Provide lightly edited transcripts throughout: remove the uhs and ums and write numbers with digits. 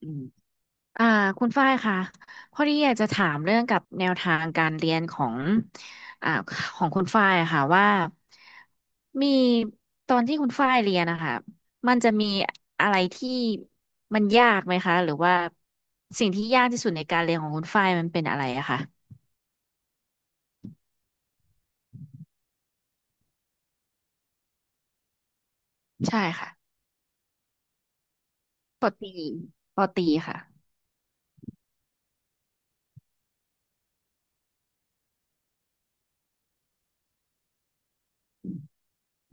อืมอ่าคุณฝ้ายค่ะพอดีอยากจะถามเรื่องกับแนวทางการเรียนของอ่าของคุณฝ้ายอะค่ะว่ามีตอนที่คุณฝ้ายเรียนนะคะมันจะมีอะไรที่มันยากไหมคะหรือว่าสิ่งที่ยากที่สุดในการเรียนของคุณฝ้ายมันเป็นอะไรอะคะใช่ค่ะปอตรีปอตรีค่ะ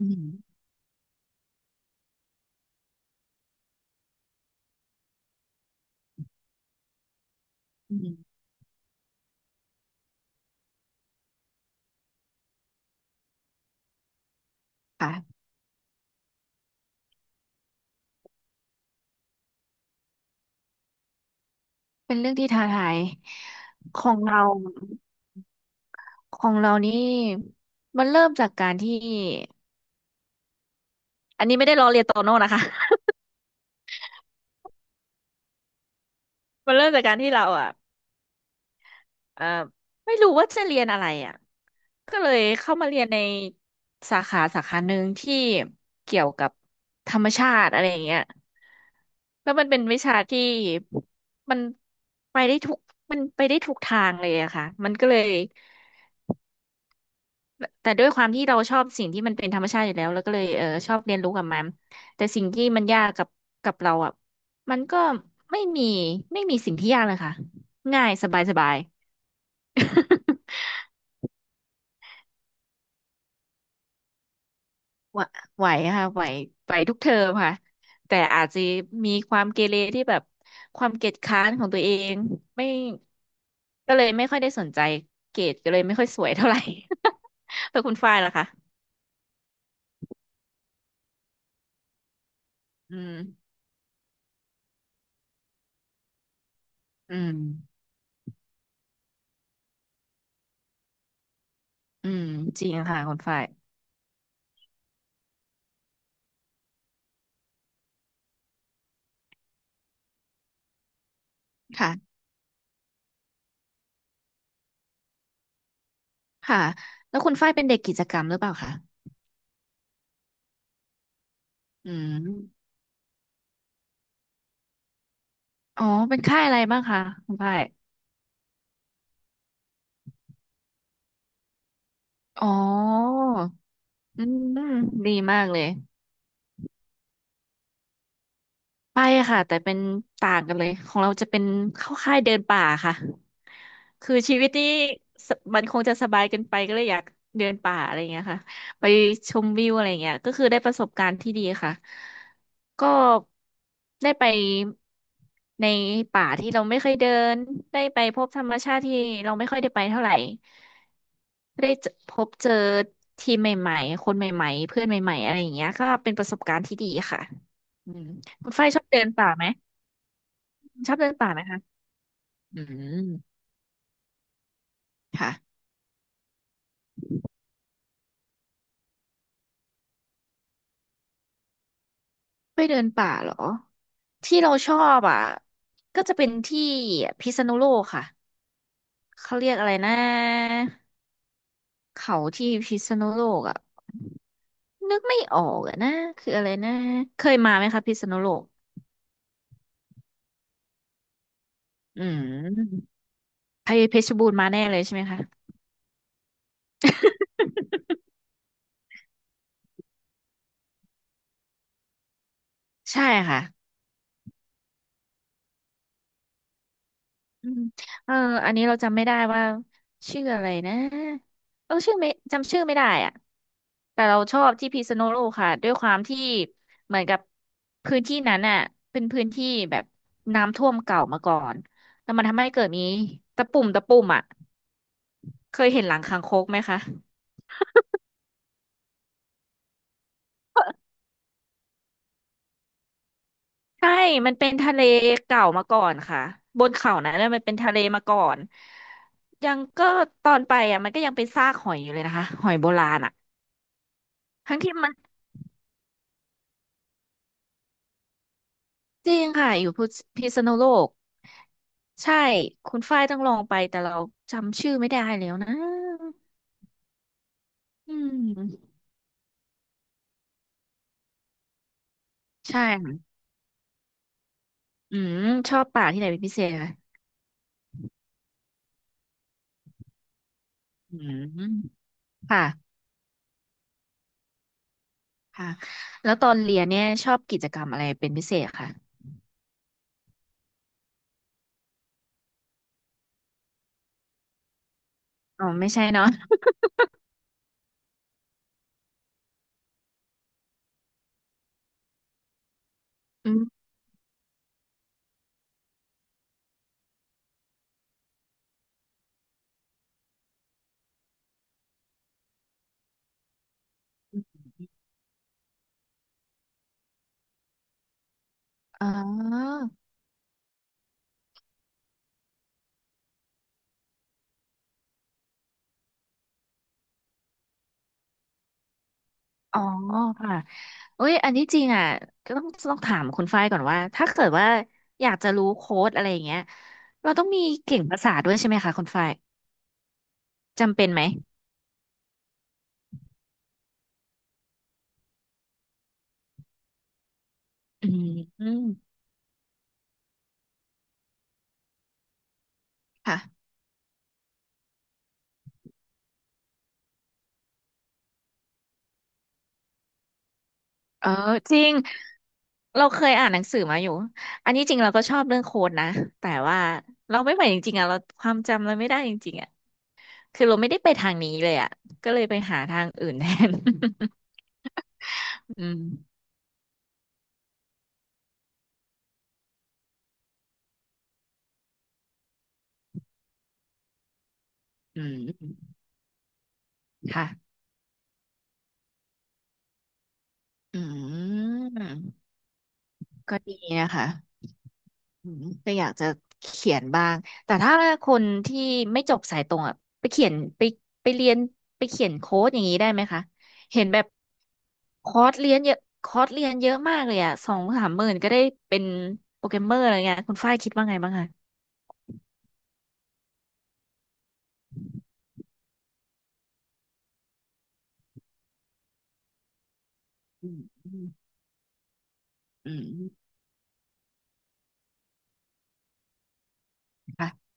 อืมอืมค่ะเป็นเรื่องที่ท้าทายของเรา ของเรานี่มันเริ่มจากการที่อันนี้ไม่ได้ล้อเลียนโตโน่นะคะ มันเริ่มจากการที่เราอ่ะเอ่อไม่รู้ว่าจะเรียนอะไรอ่ะก็เลยเข้ามาเรียนในสาขาสาขาหนึ่งที่เกี่ยวกับธรรมชาติอะไรอย่างเงี้ยแล้วมันเป็นวิชาที่มันไปได้ทุกมันไปได้ทุกทางเลยอะค่ะมันก็เลย แต่ด้วยความที่เราชอบสิ่งที่มันเป็นธรรมชาติอยู่แล้วแล้วก็เลยเออชอบเรียนรู้กับมันแต่สิ่งที่มันยากกับเราอ่ะมันก็ไม่มีไม่มีสิ่งที่ยากเลยค่ะง่ายสบายสบาย ไหวไหวค่ะไหวทุกเทอมค่ะแต่อาจจะมีความเกเรที่แบบความเกียจคร้านของตัวเองไม่ก็เลยไม่ค่อยได้สนใจเกรดก็เลยไม่ค่อยสวยเท่าไหร่ แต่คุณฝ้ายล่ะคะอืมอืมอืมจริงค่ะคุณฝ้ายค่ะ ค่ะแล้วคุณฝ้ายเป็นเด็กกิจกรรมหรือเปล่าคะอืมอ๋อเป็นค่ายอะไรบ้างคะคุณฝ้ายอ๋ออืมดีมากเลยไปอะค่ะแต่เป็นต่างกันเลยของเราจะเป็นเข้าค่ายเดินป่าค่ะ คือชีวิตนี่สมันคงจะสบายเกินไปก็เลยอยากเดินป่าอะไรอย่างเงี้ยค่ะไปชมวิวอะไรอย่างเงี้ยก็คือได้ประสบการณ์ที่ดีค่ะก็ได้ไปในป่าที่เราไม่เคยเดินได้ไปพบธรรมชาติที่เราไม่ค่อยได้ไปเท่าไหร่ได้เจอพบเจอทีมใหม่ๆคนใหม่ๆเพื่อนใหม่ๆอะไรอย่างเงี้ยก็เป็นประสบการณ์ที่ดีค่ะอืมคุณฝ้ายชอบเดินป่าไหมชอบเดินป่าไหมคะอืมค่ะไม่เดินป่าเหรอ ที่เราชอบอ่ะก็จะเป็นที่พิษณุโลกค่ะเขาเรียกอะไรนะเขาที่พิษณุโลกอ่ะนึกไม่ออกอ่ะนะคืออะไรนะเคยมาไหมคะพิษณุโลกอืมไปเพชรบูรณ์มาแน่เลยใช่ไหมคะใช่ค่ะ อืมเอออันนี้เราจำไม่ได้ว่าชื่ออะไรนะเออชื่อไม่จำชื่อไม่ได้อ่ะแต่เราชอบที่พิษณุโลกค่ะด้วยความที่เหมือนกับพื้นที่นั้นอ่ะเป็นพื้นที่แบบน้ำท่วมเก่ามาก่อนแล้วมันทำให้เกิดมีตะปุ่มตะปุ่มอ่ะเคยเห็นหลังคางคกไหมคะใช่มันเป็นทะเลเก่ามาก่อนค่ะบนเขานั้นน่ะมันเป็นทะเลมาก่อนยังก็ตอนไปอ่ะมันก็ยังเป็นซากหอยอยู่เลยนะคะหอยโบราณอ่ะทั้งที่มัน จริงค่ะอยู่พิษณุโลกใช่คุณฝ้ายต้องลองไปแต่เราจำชื่อไม่ได้แล้วนะอืมใช่ค่ะอืมชอบป่าที่ไหนเป็นพิเศษคะอืมค่ะค่ะแล้วตอนเรียนเนี่ยชอบกิจกรรมอะไรเป็นพิเศษค่ะอ๋อไม่ใช่เนาะอืมอ๋ออ๋อค่ะเอ้ยอันที่จริงอ่ะก็ต้องถามคุณฝ้ายก่อนว่าถ้าเกิดว่าอยากจะรู้โค้ดอะไรอย่างเงี้ยเราต้องมีเก่งภาษาด้วยใช่ไหมคะคุณฝ้ายจำเป็นไหม อืมอืมค่ะเออจริงเราเคยอ่านหนังสือมาอยู่อันนี้จริงเราก็ชอบเรื่องโค้ดนะแต่ว่าเราไม่ไหวจริงๆอ่ะเราความจำเราไม่ได้จริงๆอ่ะคือเราไม่ได้ไปทางนี้เลยอ่ะก็เลยไปหาทางอื่นแทน อืมอืมค่ะอืมก็ดีนะคะ อืมก็อยากจะเขียนบ้างแต่ถ้าคนที่ไม่จบสายตรงอ่ะไปเขียนไปไปเรียนไปเขียนโค้ดอย่างนี้ได้ไหมคะเห็นแบบคอร์สเรียนเยอะคอร์สเรียนเยอะมากเลยอ่ะสองสามหมื่นก็ได้เป็นโปรแกรมเมอร์อะไรเงี้ยคุณฝ้ายคิดว่าไงบ้างคะอืมอืมอืมค่ะ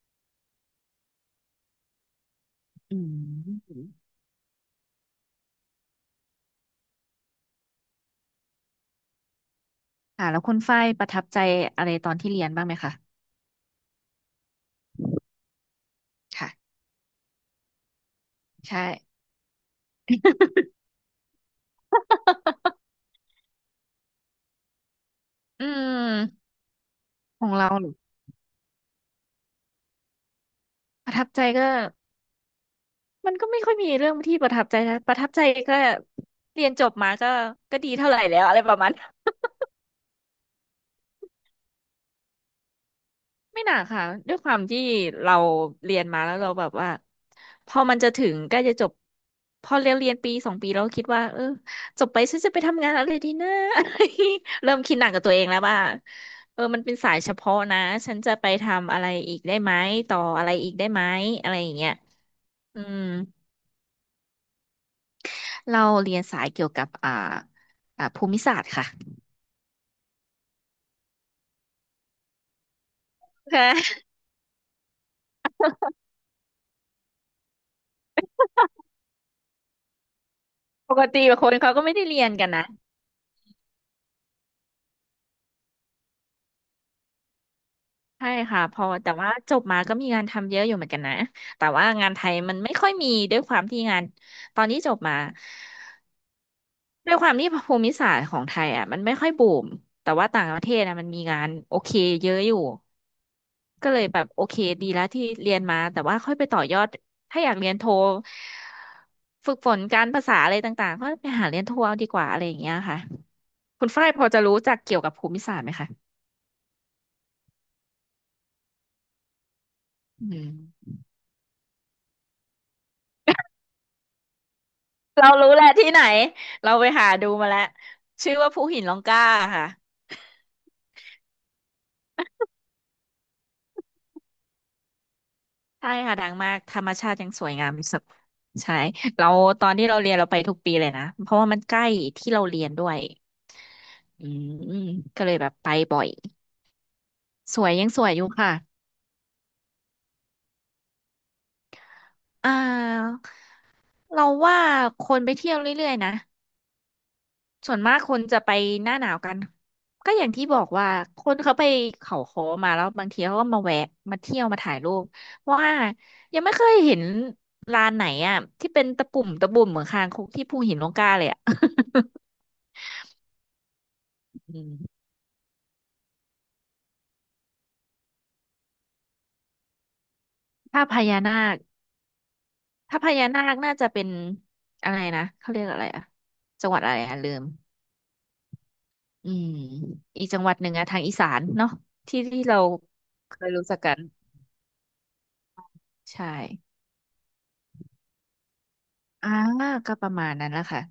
อืมค่ะแล้วคุณฝ้ายประทับใจอะไรตอนที่เรียนบ้างไหมคะค่ะใช่ อืมของเราเหรอประทับใจก็ มันก็ไม่ค่อยมีเรื่องที่ประทับใจนะประทับใจก็เรียนจบมาก็ก็ดีเท่าไหร่แล้วอะไรประมาณนั้นไม่หนักค่ะด้วยความที่เราเรียนมาแล้วเราแบบว่าพอมันจะถึงใกล้จะจบพอเรียนปีสองปีเราก็คิดว่าเออจบไปฉันจะไปทำงานอะไรดีนะ เริ่มคิดหนักกับตัวเองแล้วว่าเออมันเป็นสายเฉพาะนะฉันจะไปทำอะไรอีกได้ไหมต่ออะไรอีกได้ไหมอะไรอย่างเงี้ยอืมเราเรียนสายเกี่ยวกับภูมิศาสตร์ค่ะค่ะ ปกติคนเขาก็ไม่ได้เรียนกันนะใช่ค่ะพอแต่ว่าจบมาก็มีงานทำเยอะอยู่เหมือนกันนะแต่ว่างานไทยมันไม่ค่อยมีด้วยความที่งานตอนนี้จบมาด้วยความที่ภูมิศาสตร์ของไทยอ่ะมันไม่ค่อยบูมแต่ว่าต่างประเทศอ่ะมันมีงานโอเคเยอะอยู่ก็เลยแบบโอเคดีแล้วที่เรียนมาแต่ว่าค่อยไปต่อยอดถ้าอยากเรียนโทฝึกฝนการภาษาอะไรต่างๆก็ไปหาเรียนโทเอาดีกว่าอะไรอย่างเงี้ยค่ะคุณฝ้ายพอจะรู้จักเกี่ยวกับภูมิศาสตร์ไหมคะอืม เรารู้แหละที่ไหนเราไปหาดูมาแล้วชื่อว่าภูหินร่องกล้าค่ะใช่ค่ะดังมากธรรมชาติยังสวยงามที่สุดใช่เราตอนที่เราเรียนเราไปทุกปีเลยนะเพราะว่ามันใกล้ที่เราเรียนด้วยอืมก็เลยแบบไปบ่อยสวยยังสวยอยู่ค่ะอ่าเราว่าคนไปเที่ยวเรื่อยๆนะ ส่วนมากคนจะไปหน้าหนาวกันก็อย่างที่บอกว่าคนเขาไปเขาค้มาแล้วบางทีเขาก็มาแวะมาเที่ยวมาถ่ายรูปเพราะว่ายังไม่เคยเห็นลานไหนอ่ะที่เป็นตะปุ่มตะบุ่มเหมือนคางคกที่ภูหินร่องกล้าเลยอ่ะ อืมถ้าพญานาคน่าจะเป็นอะไรนะเขาเรียกอะไรอ่ะจังหวัดอะไรอ่ะลืมอืมอีกจังหวัดหนึ่งอะทางอีสานเนาะที่เราเคยรู้จักกันใช่อ่าก็ประมาณนั้นแหละค่ะ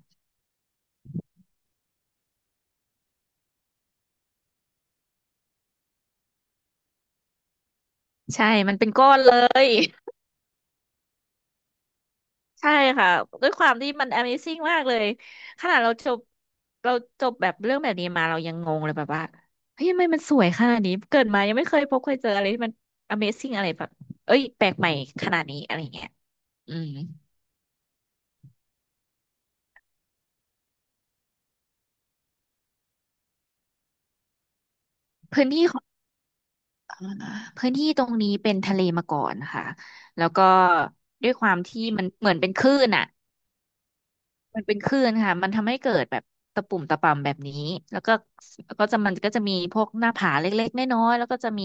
ใช่ มันเป็นก้อนเลย ใช่ค่ะด้วยความที่มัน Amazing มากเลยขนาดเราจบเราจบแบบเรื่องแบบนี้มาเรายังงงเลยแบบว่าเฮ้ยทำไมมันสวยขนาดนี้เกิดมายังไม่เคยพบเคยเจออะไรที่มัน Amazing อะไรแบบเอ้ยแปลกใหม่ขนาดนี้อะไรเงี้ยอืมพื้นที่ของเอ่อพื้นที่ตรงนี้เป็นทะเลมาก่อนค่ะแล้วก็ด้วยความที่มันเหมือนเป็นคลื่นอ่ะ มันเป็นคลื่นค่ะมันทำให้เกิดแบบตะปุ่มตะป่ำแบบนี้แล้วก็แล้วก็จะมันก็จะมีพวกหน้าผาเล็กๆน้อยๆแล้วก็จะมี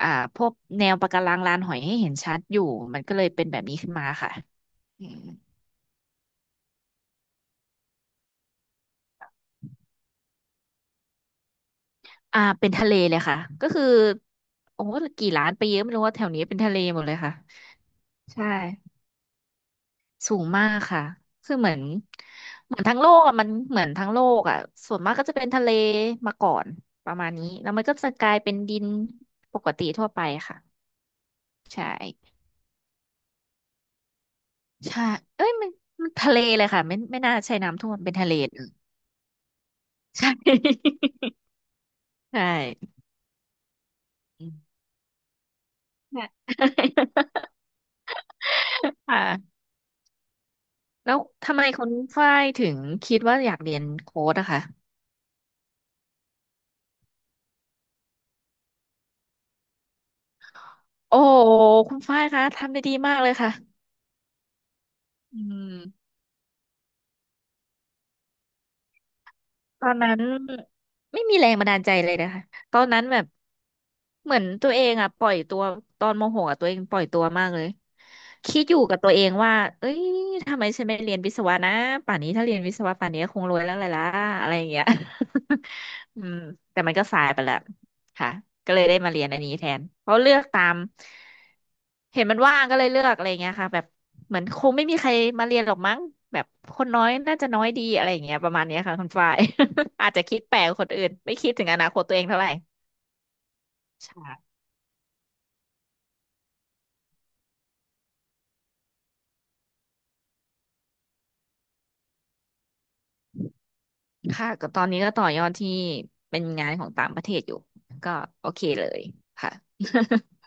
อ่าพวกแนวปะการังลานหอยให้เห็นชัดอยู่มันก็เลยเป็นแบบนี้ขึ้นมาค่ะอืมอ่าเป็นทะเลเลยค่ะ ก็คือโอ้โหกี่ล้านไปเยอะไม่รู้ว่าแถวนี้เป็นทะเลหมดเลยค่ะใช่ สูงมากค่ะ คือเหมือนทั้งโลกอะมันเหมือนทั้งโลกอะส่วนมากก็จะเป็นทะเลมาก่อนประมาณนี้แล้วมันก็จะกลายเป็นดินปกติทั่วไปค่ะใช่ใช่เอ้ยมันทะเลเลยค่ะไม่น่าใช่น้ำท่วมเป็นทะเลเลยใช่ ใช่อืม ใช่ ค่ะแล้วทำไมคุณฝ้ายถึงคิดว่าอยากเรียนโค้ดอะคะโอ้คุณฝ้ายคะทำได้ดีมากเลยค่ะอืม ตอนนั้นไม่มีแรงบันดาลใจเลยนะคะตอนนั้นแบบเหมือนตัวเองอ่ะปล่อยตัวตอนโมโหอะตัวเองปล่อยตัวมากเลยคิดอยู่กับตัวเองว่าเอ้ยทำไมฉันไม่เรียนวิศวะนะป่านนี้ถ้าเรียนวิศวะป่านนี้คงรวยแล้วเลยล่ะอะไรอย่างเงี้ย อืมแต่มันก็สายไปแล้ว ค่ะก็เลยได้มาเรียนอันนี้แทนเพราะเลือกตามเห็นมันว่างก็เลยเลือกอะไรเงี้ยค่ะแบบเหมือนคงไม่มีใครมาเรียนหรอกมั้งแบบคนน้อยน่าจะน้อยดีอะไรอย่างเงี้ยประมาณเนี้ยค่ะคุณฝ้าย อาจจะคิดแปลกกว่าคนอื่นไม่คิดถึงอนาคตตัวเองเท่าไหร่ใช่ค่ะก็ตอนนี้ก็ต่อยอดที่เป็นงานของต่างประเทศอยู่ก็โอเคเลยค่ะ